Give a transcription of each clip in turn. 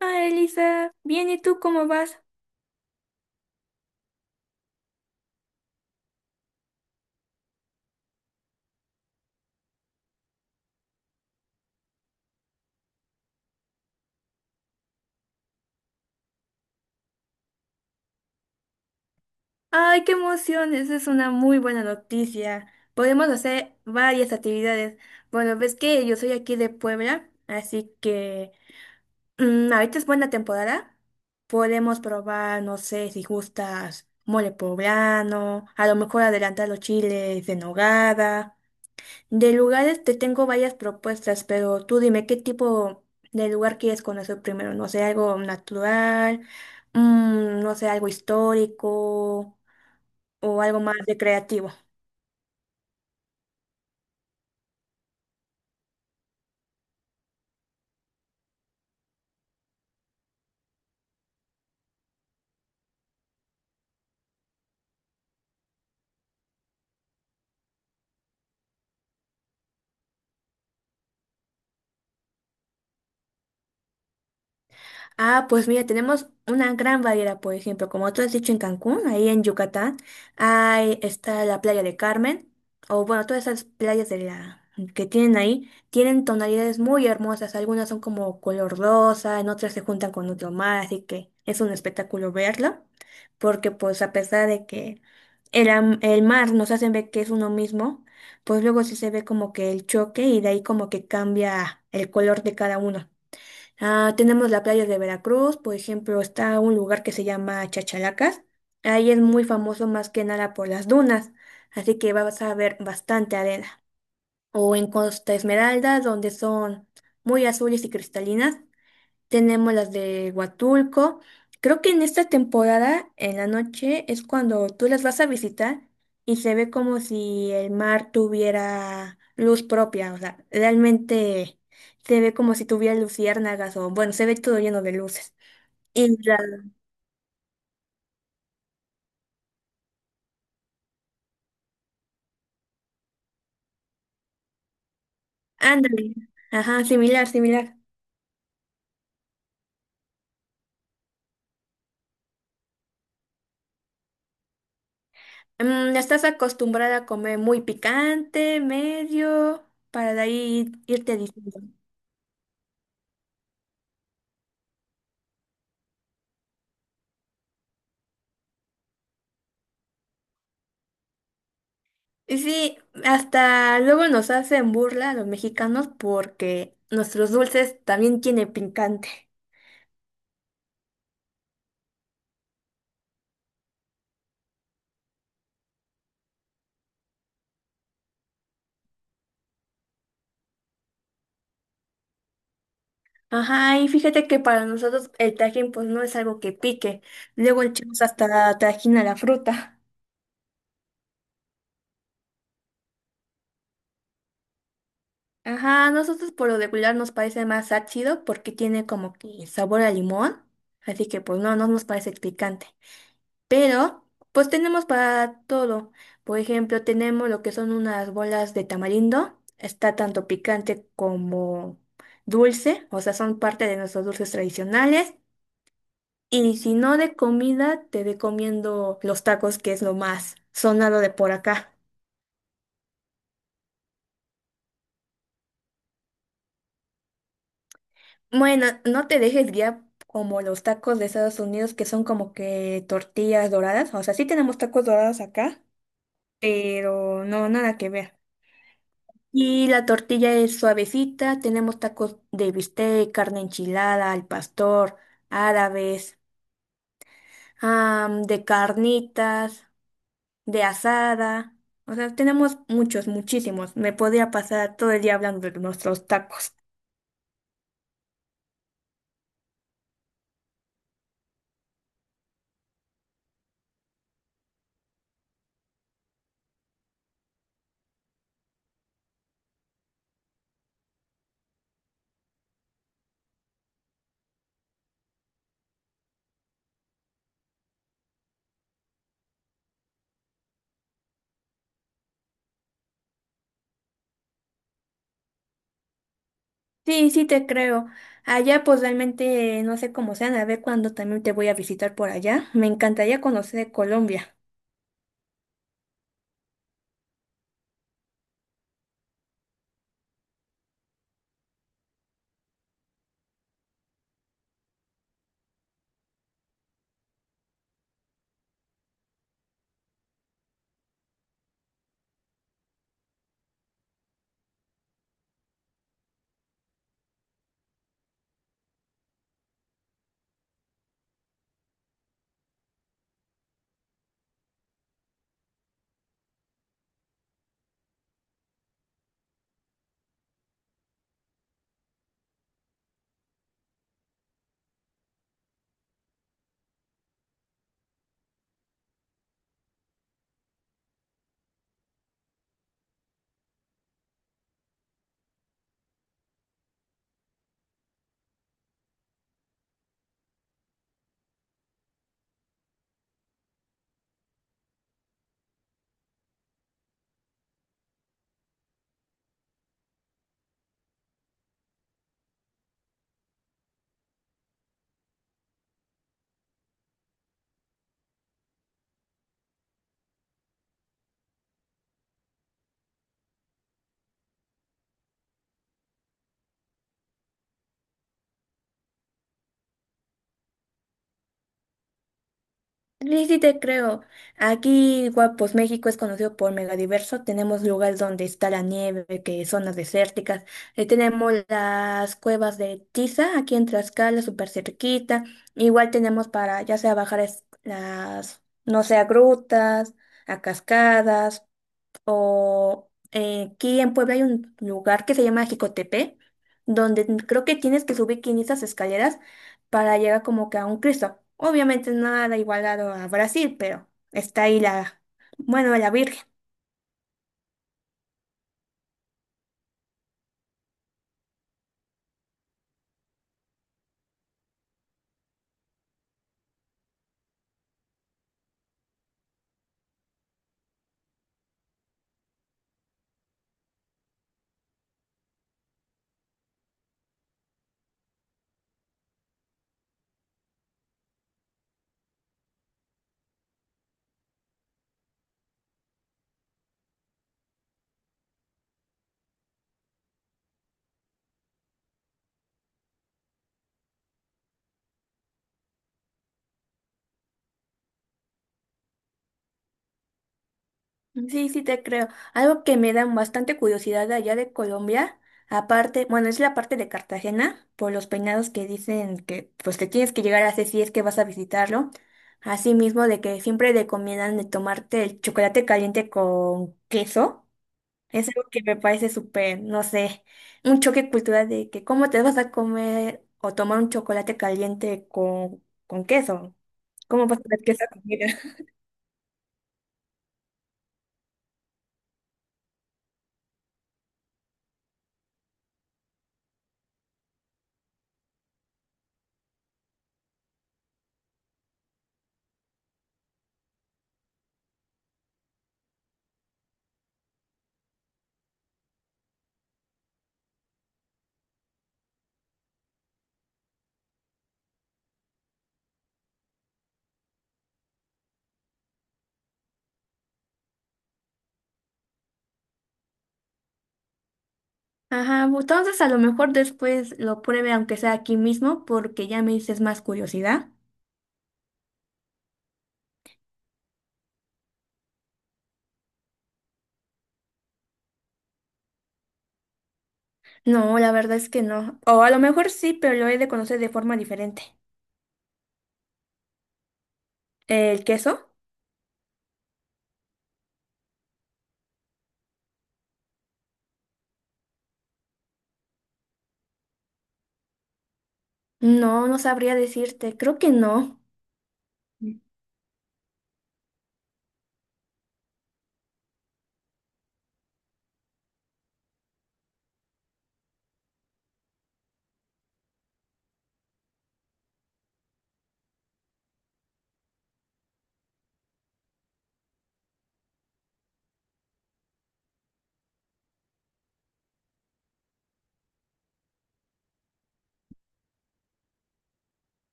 Ah, Elisa, bien, ¿y tú cómo vas? ¡Ay, qué emoción! Esa es una muy buena noticia. Podemos hacer varias actividades. Bueno, ves que yo soy aquí de Puebla, así que ahorita es buena temporada. Podemos probar, no sé, si gustas, mole poblano, a lo mejor adelantar los chiles de nogada. De lugares te tengo varias propuestas, pero tú dime qué tipo de lugar quieres conocer primero. No sé, algo natural, no sé, algo histórico o algo más recreativo. Ah, pues mira, tenemos una gran variedad, por ejemplo, como tú has dicho en Cancún, ahí en Yucatán, ahí está la playa de Carmen, o bueno, todas esas playas de la que tienen ahí, tienen tonalidades muy hermosas, algunas son como color rosa, en otras se juntan con otro mar, así que es un espectáculo verlo, porque pues a pesar de que el mar nos hacen ver que es uno mismo, pues luego sí se ve como que el choque y de ahí como que cambia el color de cada uno. Ah, tenemos la playa de Veracruz, por ejemplo, está un lugar que se llama Chachalacas. Ahí es muy famoso más que nada por las dunas, así que vas a ver bastante arena. O en Costa Esmeralda, donde son muy azules y cristalinas, tenemos las de Huatulco. Creo que en esta temporada, en la noche, es cuando tú las vas a visitar y se ve como si el mar tuviera luz propia. O sea, realmente se ve como si tuviera luciérnagas o, bueno, se ve todo lleno de luces. Y la... Ándale. Ajá, similar, similar. Mm, ¿estás acostumbrada a comer muy picante, medio, para de ahí irte diciendo? Y sí, hasta luego nos hacen burla a los mexicanos porque nuestros dulces también tienen picante. Ajá, y fíjate que para nosotros el tajín pues no es algo que pique. Luego echamos hasta tajín a la fruta. Ajá, a nosotros por lo regular nos parece más ácido porque tiene como que sabor a limón. Así que pues no, no nos parece picante. Pero, pues tenemos para todo. Por ejemplo, tenemos lo que son unas bolas de tamarindo. Está tanto picante como dulce, o sea, son parte de nuestros dulces tradicionales. Y si no de comida, te recomiendo los tacos, que es lo más sonado de por acá. Bueno, no te dejes guiar como los tacos de Estados Unidos, que son como que tortillas doradas. O sea, sí tenemos tacos dorados acá, pero no, nada que ver. Y la tortilla es suavecita, tenemos tacos de bistec, carne enchilada, al pastor, árabes, de carnitas, de asada. O sea, tenemos muchos, muchísimos. Me podría pasar todo el día hablando de nuestros tacos. Sí, sí te creo. Allá pues realmente no sé cómo sean, a ver cuándo también te voy a visitar por allá. Me encantaría conocer Colombia. Sí, sí te creo. Aquí, igual, pues México es conocido por megadiverso. Tenemos lugares donde está la nieve, que zonas desérticas. Tenemos las cuevas de Tiza, aquí en Tlaxcala, súper cerquita. Igual tenemos para, ya sea las, no sé, a grutas, a cascadas. O aquí en Puebla hay un lugar que se llama Jicotepe, donde creo que tienes que subir 500 escaleras para llegar como que a un Cristo. Obviamente nada igualado a Brasil, pero está ahí la, bueno, la Virgen. Sí, sí te creo. Algo que me da bastante curiosidad de allá de Colombia, aparte, bueno, es la parte de Cartagena, por los peinados que dicen que pues te tienes que llegar a hacer si es que vas a visitarlo. Asimismo, de que siempre recomiendan de tomarte el chocolate caliente con queso. Es algo que me parece súper, no sé, un choque cultural de que cómo te vas a comer o tomar un chocolate caliente con queso. ¿Cómo vas a comer queso con? Ajá, entonces a lo mejor después lo pruebe aunque sea aquí mismo porque ya me dices más curiosidad. No, la verdad es que no. O a lo mejor sí, pero lo he de conocer de forma diferente. ¿El queso? No, no sabría decirte. Creo que no.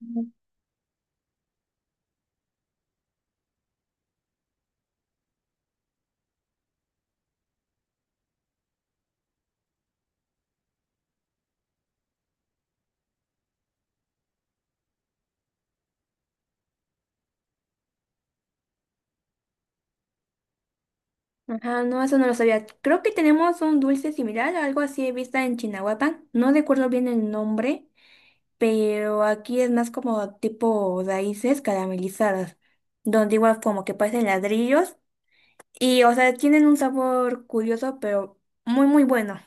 Ujú. Ajá, no, eso no lo sabía. Creo que tenemos un dulce similar, algo así he visto en Chinahuapan. No recuerdo bien el nombre, pero aquí es más como tipo raíces caramelizadas, donde igual como que parecen ladrillos. Y, o sea, tienen un sabor curioso, pero muy, muy bueno.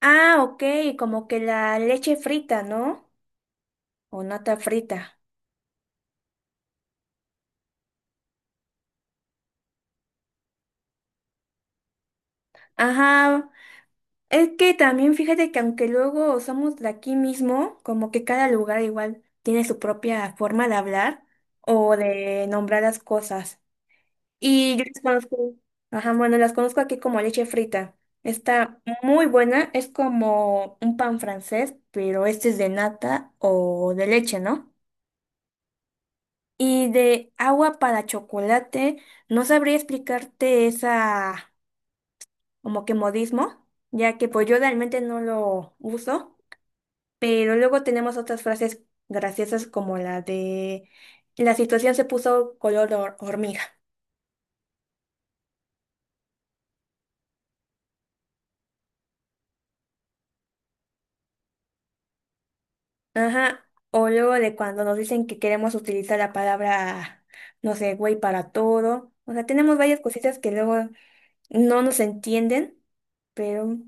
Ah, ok, como que la leche frita, ¿no? O nata frita. Ajá, es que también fíjate que aunque luego somos de aquí mismo, como que cada lugar igual tiene su propia forma de hablar o de nombrar las cosas. Y yo las conozco, ajá, bueno, las conozco aquí como leche frita. Está muy buena, es como un pan francés, pero este es de nata o de leche, ¿no? Y de agua para chocolate, no sabría explicarte esa como que modismo, ya que pues yo realmente no lo uso, pero luego tenemos otras frases graciosas como la de la situación se puso color hormiga. Ajá, o luego de cuando nos dicen que queremos utilizar la palabra, no sé, güey, para todo. O sea, tenemos varias cositas que luego no nos entienden, pero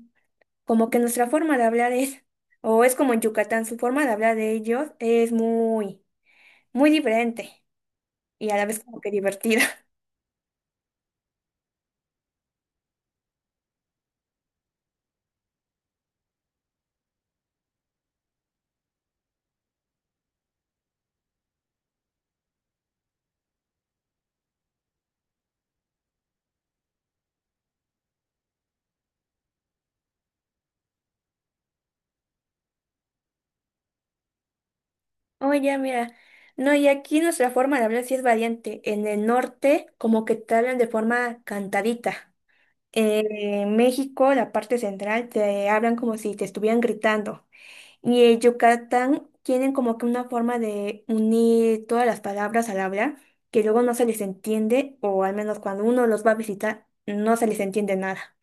como que nuestra forma de hablar es, o es como en Yucatán, su forma de hablar de ellos es muy, muy diferente y a la vez como que divertida. Oye, mira, no, y aquí nuestra forma de hablar sí es variante. En el norte como que te hablan de forma cantadita. En México, la parte central, te hablan como si te estuvieran gritando. Y el Yucatán tienen como que una forma de unir todas las palabras al hablar, que luego no se les entiende, o al menos cuando uno los va a visitar, no se les entiende nada.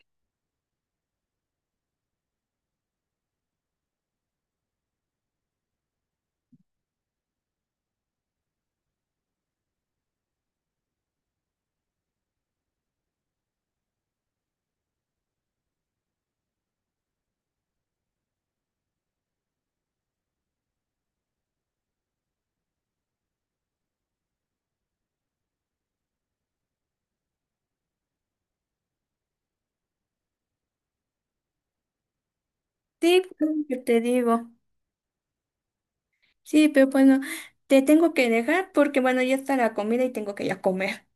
Sí, pues, yo te digo. Sí, pero bueno, te tengo que dejar porque bueno, ya está la comida y tengo que ir a comer.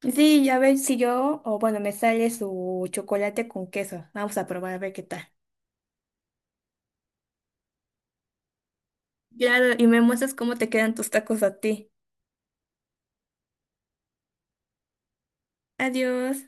Sí, ya ver si yo, o bueno, me sale su chocolate con queso. Vamos a probar a ver qué tal. Claro, y me muestras cómo te quedan tus tacos a ti. Adiós.